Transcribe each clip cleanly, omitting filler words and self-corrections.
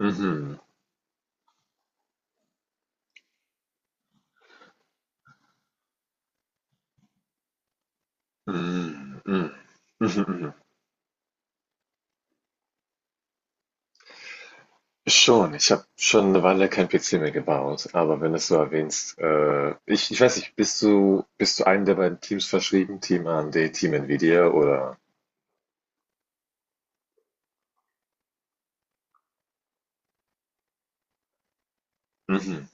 Mhm. Mhm. Mhm. Mhm. Mhm. Schon, ich habe schon eine Weile kein PC mehr gebaut, aber wenn du es so erwähnst, ich weiß nicht, bist du einem der beiden Teams verschrieben, Team AMD, Team Nvidia oder? Mhm.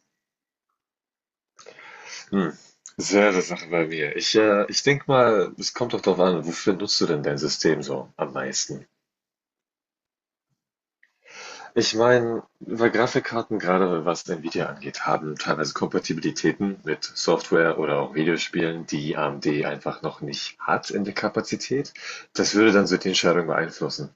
Mhm. Selbe Sache bei mir. Ich denke mal, es kommt doch darauf an, wofür nutzt du denn dein System so am meisten? Ich meine, weil Grafikkarten, gerade was Nvidia angeht, haben teilweise Kompatibilitäten mit Software oder auch Videospielen, die AMD einfach noch nicht hat in der Kapazität. Das würde dann so die Entscheidung beeinflussen.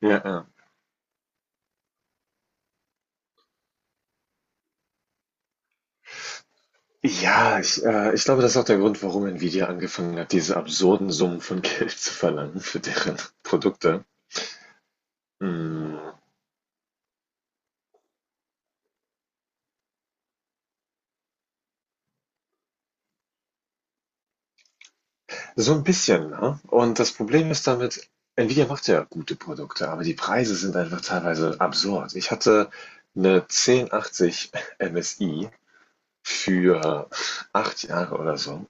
Ja, ja. Ja, ich glaube, das ist auch der Grund, warum Nvidia angefangen hat, diese absurden Summen von Geld zu verlangen für deren Produkte. Mm. So ein bisschen, ne? Und das Problem ist damit, Nvidia macht ja gute Produkte, aber die Preise sind einfach teilweise absurd. Ich hatte 'ne 1080 MSI für 8 Jahre oder so,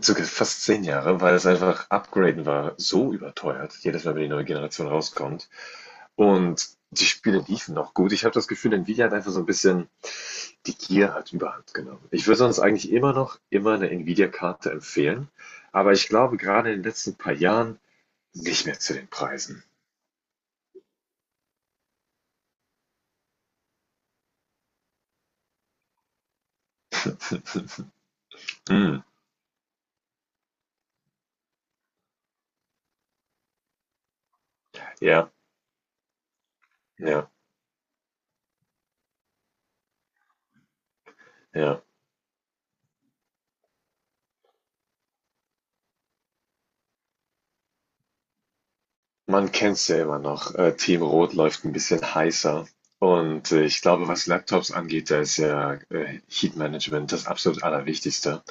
sogar fast 10 Jahre, weil es einfach upgraden war so überteuert, jedes Mal, wenn die neue Generation rauskommt. Und die Spiele liefen noch gut. Ich habe das Gefühl, Nvidia hat einfach so ein bisschen die Gier hat Überhand genommen. Ich würde sonst eigentlich immer noch immer eine Nvidia-Karte empfehlen, aber ich glaube, gerade in den letzten paar Jahren nicht mehr zu den Preisen. Hm. Ja, ja, ja. Man kennt's ja immer noch. Team Rot läuft ein bisschen heißer. Und ich glaube, was Laptops angeht, da ist ja Heat Management das absolut Allerwichtigste.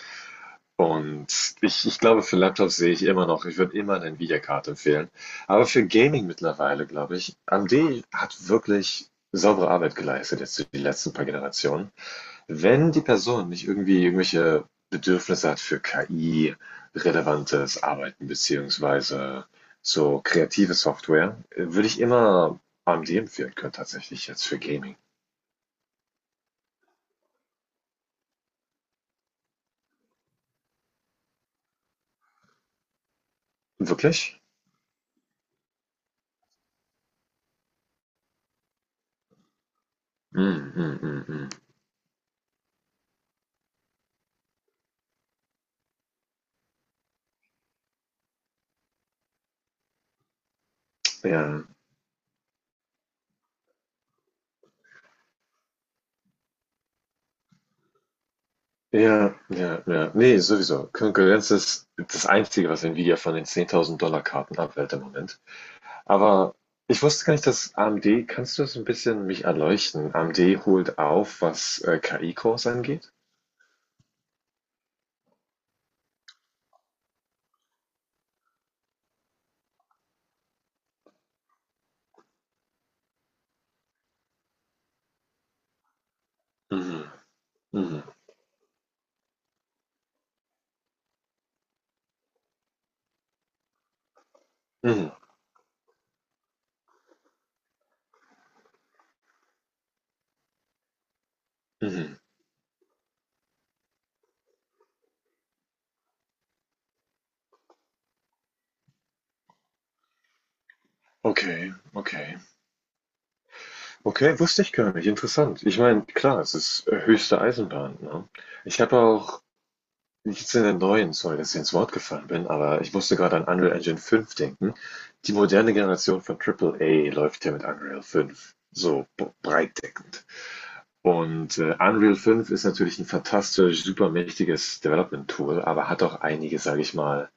Und ich glaube, für Laptops sehe ich immer noch, ich würde immer eine Nvidia-Karte empfehlen. Aber für Gaming mittlerweile, glaube ich, AMD hat wirklich saubere Arbeit geleistet jetzt die letzten paar Generationen. Wenn die Person nicht irgendwie irgendwelche Bedürfnisse hat für KI-relevantes Arbeiten beziehungsweise so kreative Software, würde ich immer AMD empfehlen können, tatsächlich jetzt für Gaming. Wirklich? Hm, hm, hm, hm. Ja, ja, ja, ja. Nee, sowieso. Konkurrenz ist das Einzige, was Nvidia von den 10.000 Dollar Karten abwählt im Moment. Aber ich wusste gar nicht, dass AMD, kannst du das ein bisschen mich erleuchten? AMD holt auf, was KI-Cores angeht? Mhm. Mhm. Mhm. Mhm. Okay, okay. Okay, wusste ich gar nicht. Interessant. Ich meine, klar, es ist höchste Eisenbahn, ne? Ich habe auch nichts in der neuen, sorry, dass ich ins Wort gefallen bin, aber ich musste gerade an Unreal Engine 5 denken. Die moderne Generation von Triple A läuft ja mit Unreal 5 so breitdeckend. Und Unreal 5 ist natürlich ein fantastisch, super mächtiges Development-Tool, aber hat auch einige, sage ich mal,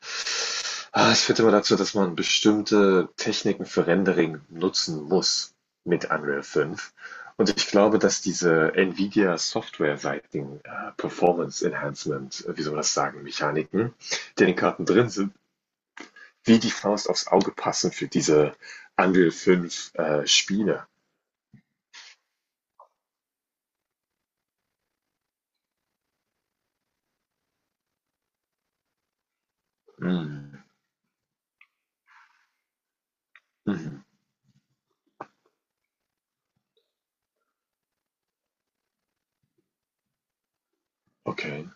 Es führt immer dazu, dass man bestimmte Techniken für Rendering nutzen muss mit Unreal 5. Und ich glaube, dass diese Nvidia softwareseitigen Performance Enhancement, wie soll man das sagen, Mechaniken, die in den Karten drin sind, wie die Faust aufs Auge passen für diese Unreal 5 Spiele. Mm. Mhm. Okay.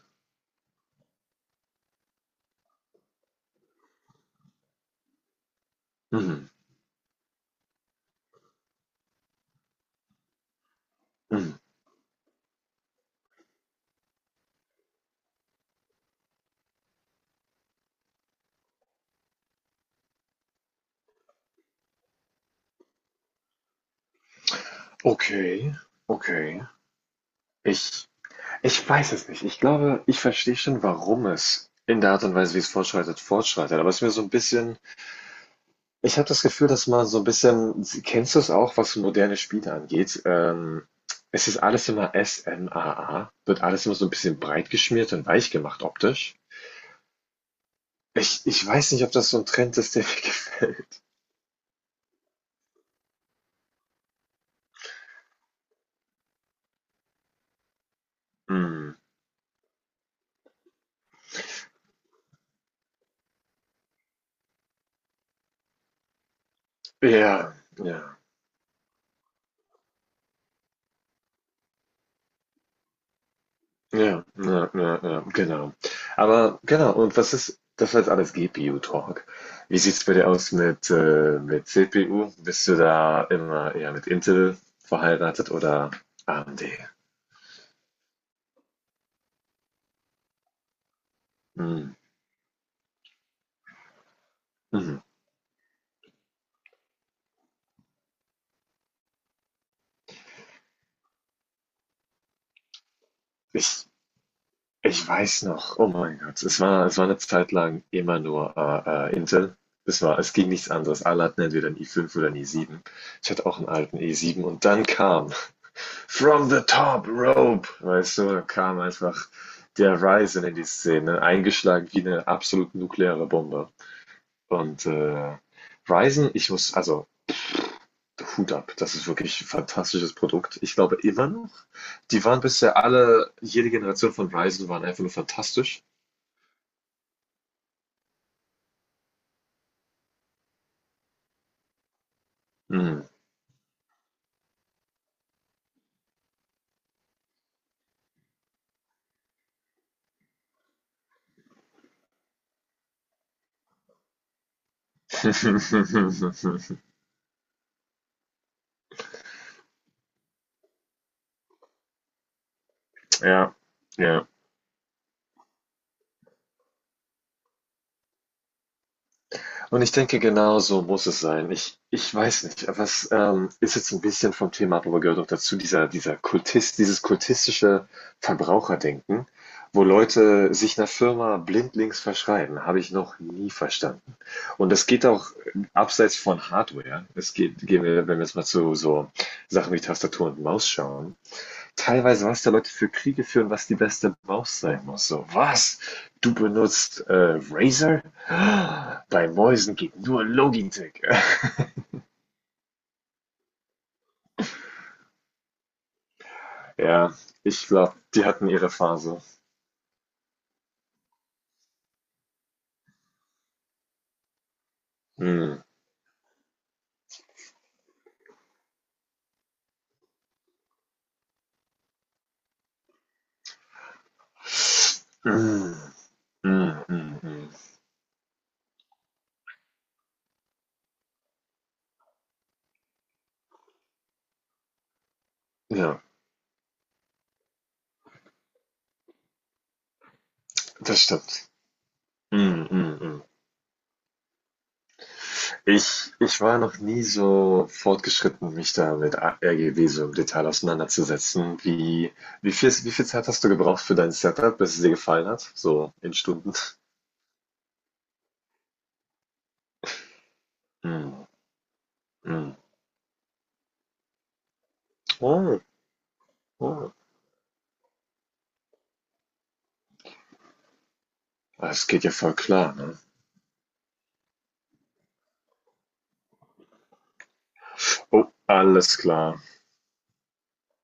Mhm. Mhm. Okay. Okay. Ich Ich weiß es nicht. Ich glaube, ich verstehe schon, warum es in der Art und Weise, wie es fortschreitet, fortschreitet. Aber es ist mir so ein bisschen, ich habe das Gefühl, dass man so ein bisschen, kennst du es auch, was moderne Spiele angeht? Es ist alles immer SMAA, wird alles immer so ein bisschen breit geschmiert und weich gemacht optisch. Ich weiß nicht, ob das so ein Trend ist, der mir gefällt. Mm. Ja, ja. Ja, ja, ja, ja, genau. Aber genau, und was ist, das war jetzt alles GPU-Talk. Wie sieht's bei dir aus mit CPU? Bist du da immer eher mit Intel verheiratet oder AMD? Hm, hm. Mhm. Ich, ich weiß noch, oh mein Gott, es war eine Zeit lang immer nur Intel. Es war, es ging nichts anderes. Alle hatten entweder einen i5 oder einen i7. Ich hatte auch einen alten i7 und dann kam From the top rope, weißt du, da kam einfach der Ryzen in die Szene, eingeschlagen wie eine absolut nukleare Bombe. Und Ryzen, ich muss, also Hut ab, das ist wirklich ein fantastisches Produkt. Ich glaube immer noch, die waren bisher alle, jede Generation von Ryzen waren einfach nur fantastisch. Hm. Ja, ja. Und ich denke, genau so muss es sein. Ich weiß nicht, was ist jetzt ein bisschen vom Thema ab, aber gehört auch dazu, dieser Kultist, dieses kultistische Verbraucherdenken, wo Leute sich einer Firma blindlings verschreiben, habe ich noch nie verstanden. Und das geht auch abseits von Hardware. Es geht, gehen wir, wenn wir jetzt mal zu so Sachen wie Tastatur und Maus schauen, teilweise, was da Leute für Kriege führen, was die beste Maus sein muss. So, was? Du benutzt Razer? Bei Mäusen geht nur Logitech. Ja, ich glaube, die hatten ihre Phase. Hm. Hm, hm, hm, hm. Hm. Ja, das stimmt. Hm, hm, hm. Ich war noch nie so fortgeschritten, mich da mit RGB so im Detail auseinanderzusetzen. Wie viel Zeit hast du gebraucht für dein Setup, bis es dir gefallen hat? So in Stunden. Mhm. Mhm. Oh, oh. Das geht ja voll klar, ne? Oh, alles klar.